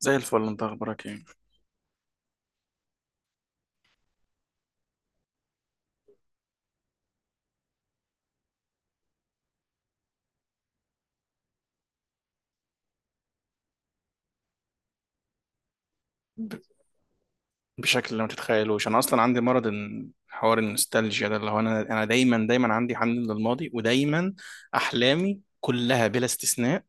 زي الفل، انت اخبارك ايه؟ بشكل ما تتخيلوش انا اصلا عندي مرض. حوار النوستالجيا ده اللي هو انا دايما عندي حنين للماضي، ودايما احلامي كلها بلا استثناء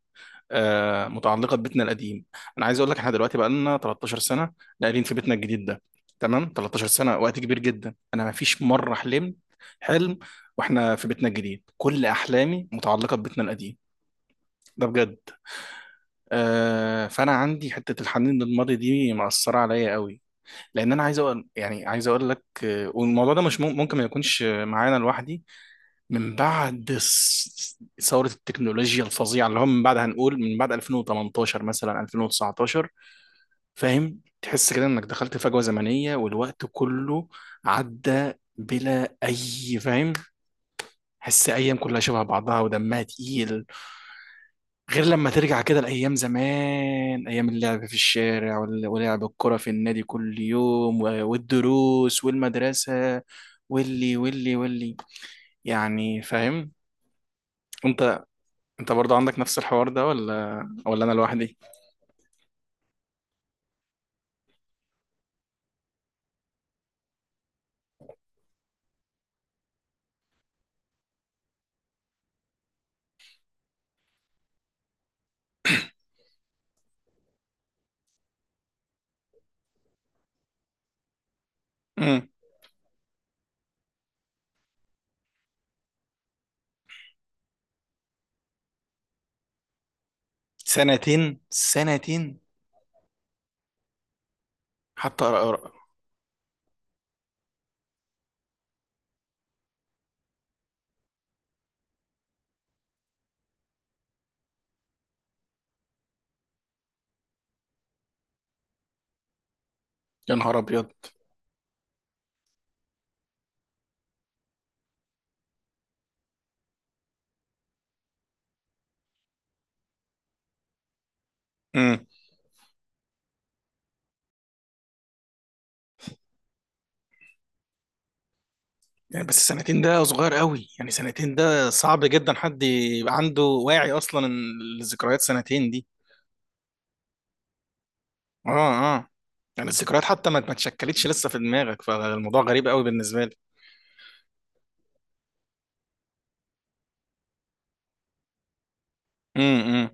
متعلقه ببيتنا القديم. انا عايز اقول لك احنا دلوقتي بقى لنا 13 سنة سنه ناقلين في بيتنا الجديد ده. تمام، 13 سنة سنه وقت كبير جدا. انا ما فيش مره حلمت حلم واحنا في بيتنا الجديد. كل احلامي متعلقه ببيتنا القديم ده بجد. فانا عندي حته الحنين للماضي دي مأثره عليا قوي، لان انا عايز اقول، يعني عايز اقول لك، والموضوع ده مش ممكن ما يكونش معانا لوحدي. من بعد ثوره التكنولوجيا الفظيعه اللي هو من بعد، هنقول من بعد 2018 مثلا، 2019، فاهم؟ تحس كده انك دخلت فجوه زمنيه والوقت كله عدى بلا اي، فاهم؟ حس ايام كلها شبه بعضها ودمها تقيل، غير لما ترجع كده لايام زمان، ايام اللعب في الشارع ولعب الكرة في النادي كل يوم والدروس والمدرسة، واللي واللي واللي، يعني، فاهم؟ انت، انت برضو عندك نفس الحوار ده ولا ولا انا لوحدي؟ امم، سنتين، سنتين. حتى أرقى. يا نهار ابيض. امم. يعني بس سنتين ده صغير قوي، يعني سنتين ده صعب جدا حد يبقى عنده واعي اصلا ان الذكريات سنتين دي. اه اه. يعني الذكريات حتى ما اتشكلتش لسه في دماغك، فالموضوع غريب قوي بالنسبه لي. امم.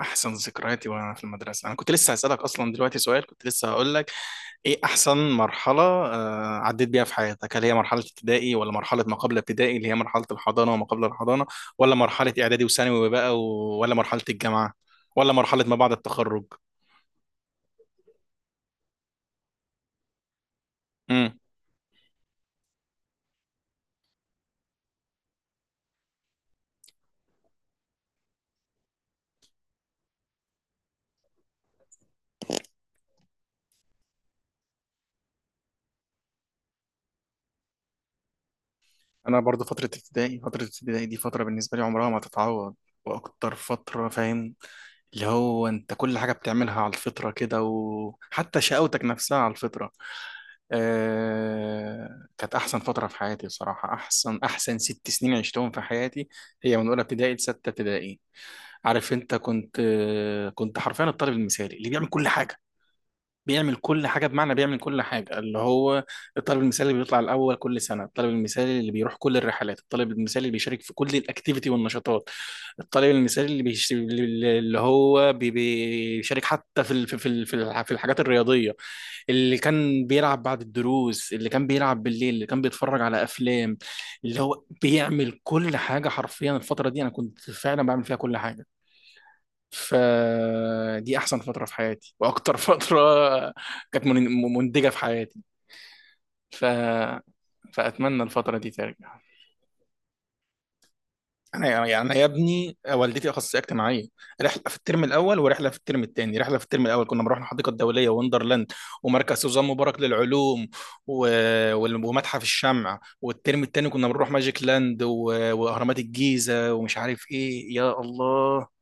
احسن ذكرياتي وانا في المدرسه. انا كنت لسه هسالك اصلا دلوقتي سؤال، كنت لسه هقول لك ايه احسن مرحلة عديت بيها في حياتك؟ هل هي مرحلة ابتدائي، ولا مرحلة ما قبل ابتدائي اللي هي مرحلة الحضانة وما قبل الحضانة، ولا مرحلة اعدادي وثانوي بقى ولا مرحلة الجامعة، ولا مرحلة ما بعد التخرج؟ امم. انا برضو فترة ابتدائي. فترة ابتدائي دي فترة بالنسبة لي عمرها ما تتعوض، واكتر فترة، فاهم، اللي هو انت كل حاجة بتعملها على الفطرة كده، وحتى شقاوتك نفسها على الفطرة. كانت أحسن فترة في حياتي بصراحة، أحسن ست سنين عشتهم في حياتي. هي من أولى ابتدائي لستة ابتدائي. عارف أنت، كنت كنت حرفيا الطالب المثالي اللي بيعمل كل حاجة. بيعمل كل حاجة بمعنى بيعمل كل حاجة، اللي هو الطالب المثالي اللي بيطلع الأول كل سنة، الطالب المثالي اللي بيروح كل الرحلات، الطالب المثالي اللي بيشارك في كل الأكتيفيتي والنشاطات، الطالب المثالي اللي بيشارك حتى في في الحاجات الرياضية، اللي كان بيلعب بعد الدروس، اللي كان بيلعب بالليل، اللي كان بيتفرج على افلام، اللي هو بيعمل كل حاجه حرفيا. الفتره دي انا كنت فعلا بعمل فيها كل حاجه، فدي احسن فتره في حياتي، واكتر فتره كانت منتجه في حياتي. ف... فاتمنى الفتره دي ترجع. انا يعني، يعني يا ابني، والدتي اخصائيه اجتماعيه. رحله في الترم الاول ورحله في الترم الثاني. رحله في الترم الاول كنا بنروح الحديقه الدوليه، وندرلاند، ومركز سوزان مبارك للعلوم، و... ومتحف الشمع. والترم الثاني كنا بنروح ماجيك لاند، واهرامات الجيزه ومش عارف ايه. يا الله،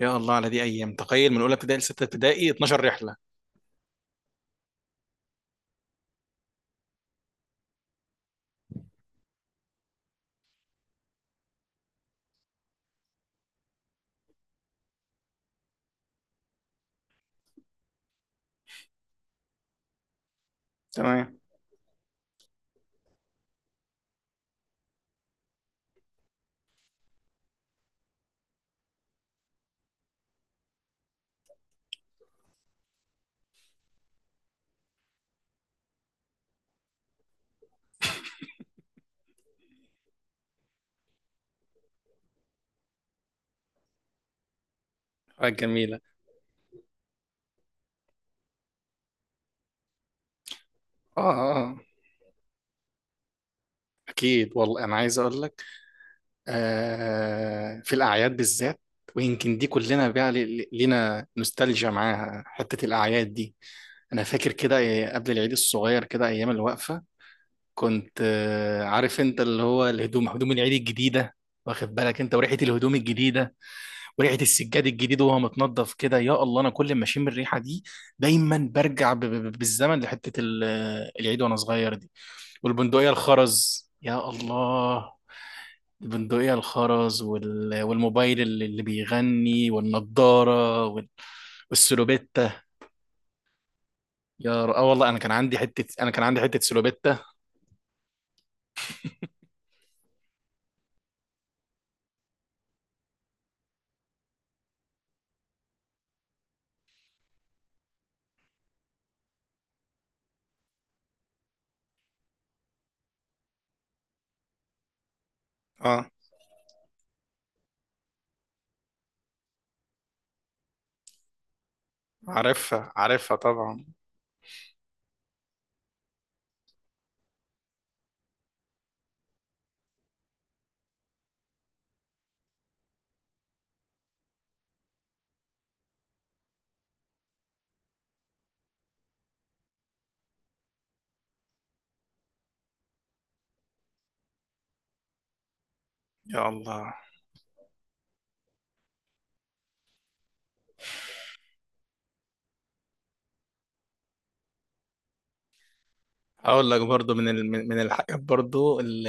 يا الله على دي ايام. تخيل، من اولى ابتدائي لسته ابتدائي 12 رحلة رحله. تمام. حاجه جميله. اه اه آه. اكيد والله. انا عايز اقول لك في الأعياد بالذات، ويمكن دي كلنا بقى لينا نوستالجيا معاها حتة الأعياد دي. أنا فاكر كده إيه، قبل العيد الصغير كده أيام الوقفة، كنت عارف أنت، اللي هو الهدوم، هدوم العيد الجديدة، واخد بالك أنت، وريحة الهدوم الجديدة، وريحة السجاد الجديد وهو متنضف كده. يا الله، أنا كل ما أشم الريحة دي دايما برجع بالزمن لحتة العيد وأنا صغير دي. والبندقية الخرز، يا الله، البندقية الخرز والموبايل اللي اللي بيغني، والنضارة والسلوبيتا. اه والله انا كان عندي حتة، انا كان عندي حتة سلوبيتا. اه، عارفها، عارفها طبعا. يا الله. هقول لك برضو من الحاجات برضو اللي،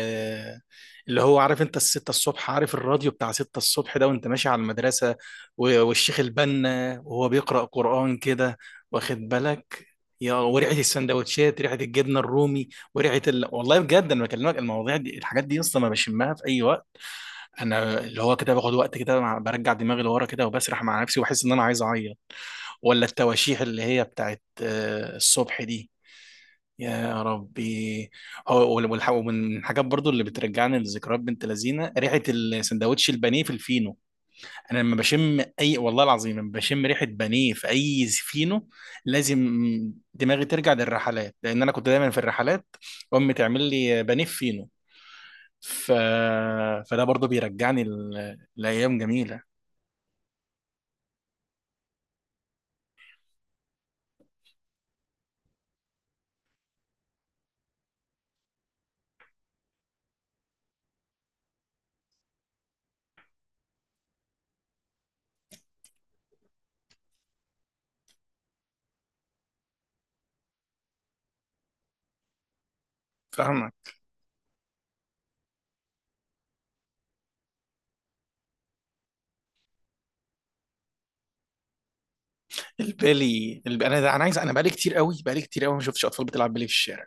اللي هو عارف انت الستة الصبح، عارف الراديو بتاع ستة الصبح ده وانت ماشي على المدرسة، والشيخ البنا وهو بيقرأ قرآن كده، واخد بالك؟ يا، وريحة السندوتشات، ريحة الجبنة الرومي، وريحة والله بجد انا بكلمك المواضيع دي الحاجات دي اصلا ما بشمها في اي وقت. انا اللي هو كده باخد وقت كده برجع دماغي لورا كده وبسرح مع نفسي واحس ان انا عايز اعيط. ولا التواشيح اللي هي بتاعت الصبح دي، يا ربي. هو ومن الحاجات برضو اللي بترجعني لذكريات بنت لذينه، ريحه السندوتش البانيه في الفينو. انا لما بشم اي، والله العظيم، لما بشم ريحه بانيه في اي فينو لازم دماغي ترجع للرحلات، لان انا كنت دايما في الرحلات، امي تعمل لي بانيه في فينو. ف... فده برضو بيرجعني لايام جميله. فاهمك. انا انا عايز، انا بقالي كتير قوي، بقالي كتير قوي ما شفتش اطفال بتلعب بالي في الشارع.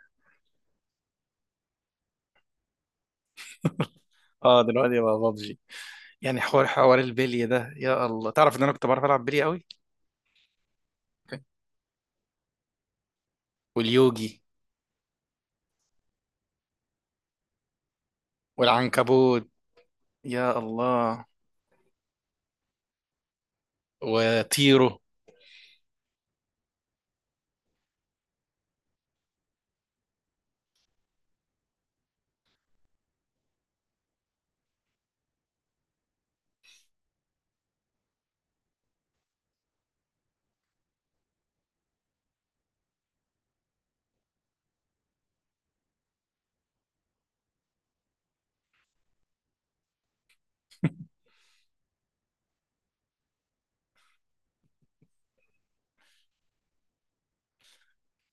اه دلوقتي بقى ببجي. يعني حوار البلي ده، يا الله، تعرف ان انا كنت بعرف العب بلي قوي. اوكي. واليوجي. والعنكبوت. يا الله. وطيرو.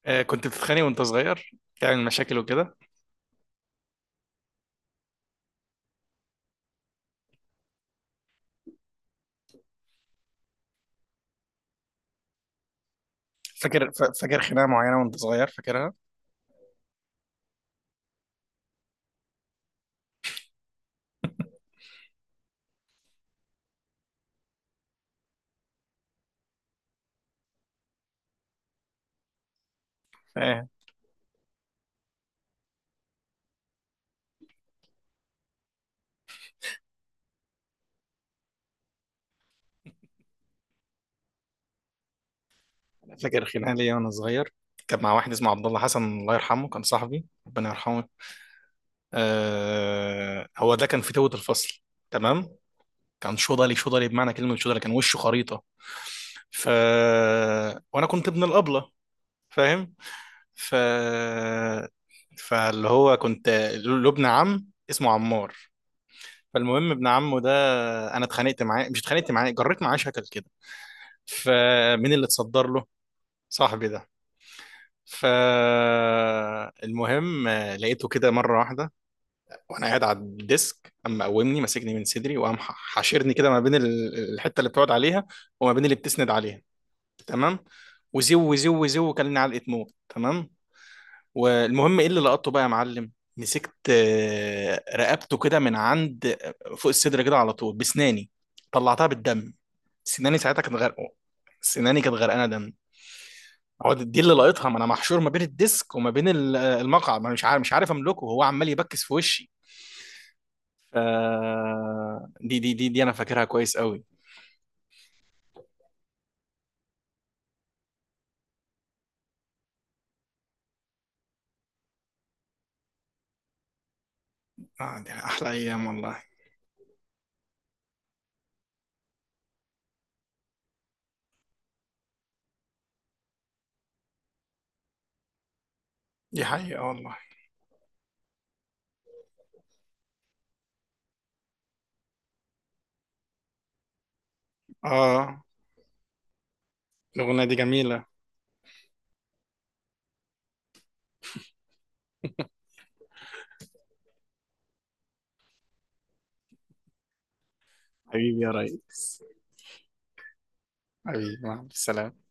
آه كنت بتتخانق وانت صغير، تعمل مشاكل وكده؟ فاكر فاكر خناقه معينه وانت صغير، فاكرها؟ آه، فاكر خناقه ليا وانا صغير، كان مع واحد اسمه عبد الله حسن، الله يرحمه، كان صاحبي، ربنا يرحمه. آه، هو ده كان فتوة الفصل، تمام. كان شوضلي، شوضلي بمعنى كلمه شوضلي، كان وشه خريطه. ف، وانا كنت ابن الابله، فاهم؟ ف، فاللي هو كنت له ابن عم اسمه عمار. فالمهم ابن عمه ده، انا اتخانقت معاه، مش اتخانقت معاه، جريت معاه شكل كده. فمين اللي اتصدر له؟ صاحبي ده. فالمهم لقيته كده مره واحده، وانا قاعد على الديسك، اما قومني ماسكني من صدري، وقام حاشرني كده ما بين الحته اللي بتقعد عليها وما بين اللي بتسند عليها، تمام؟ وزو وزو وزو وكلني علقه موت، تمام. والمهم ايه اللي لقطته بقى يا معلم؟ مسكت رقبته كده من عند فوق الصدر كده على طول بسناني، طلعتها بالدم. سناني ساعتها كانت غرقه، سناني كانت غرقانه دم. هو دي اللي لقيتها، ما انا محشور ما بين الديسك وما بين المقعد، ما أنا مش عارف، مش عارف املكه، هو عمال يبكس في وشي. ف، دي انا فاكرها كويس قوي. اه دي احلى ايام والله. دي حقيقة والله. اه. الاغنية دي جميلة. حبيبي يا ريس. حبيبي مع السلامة.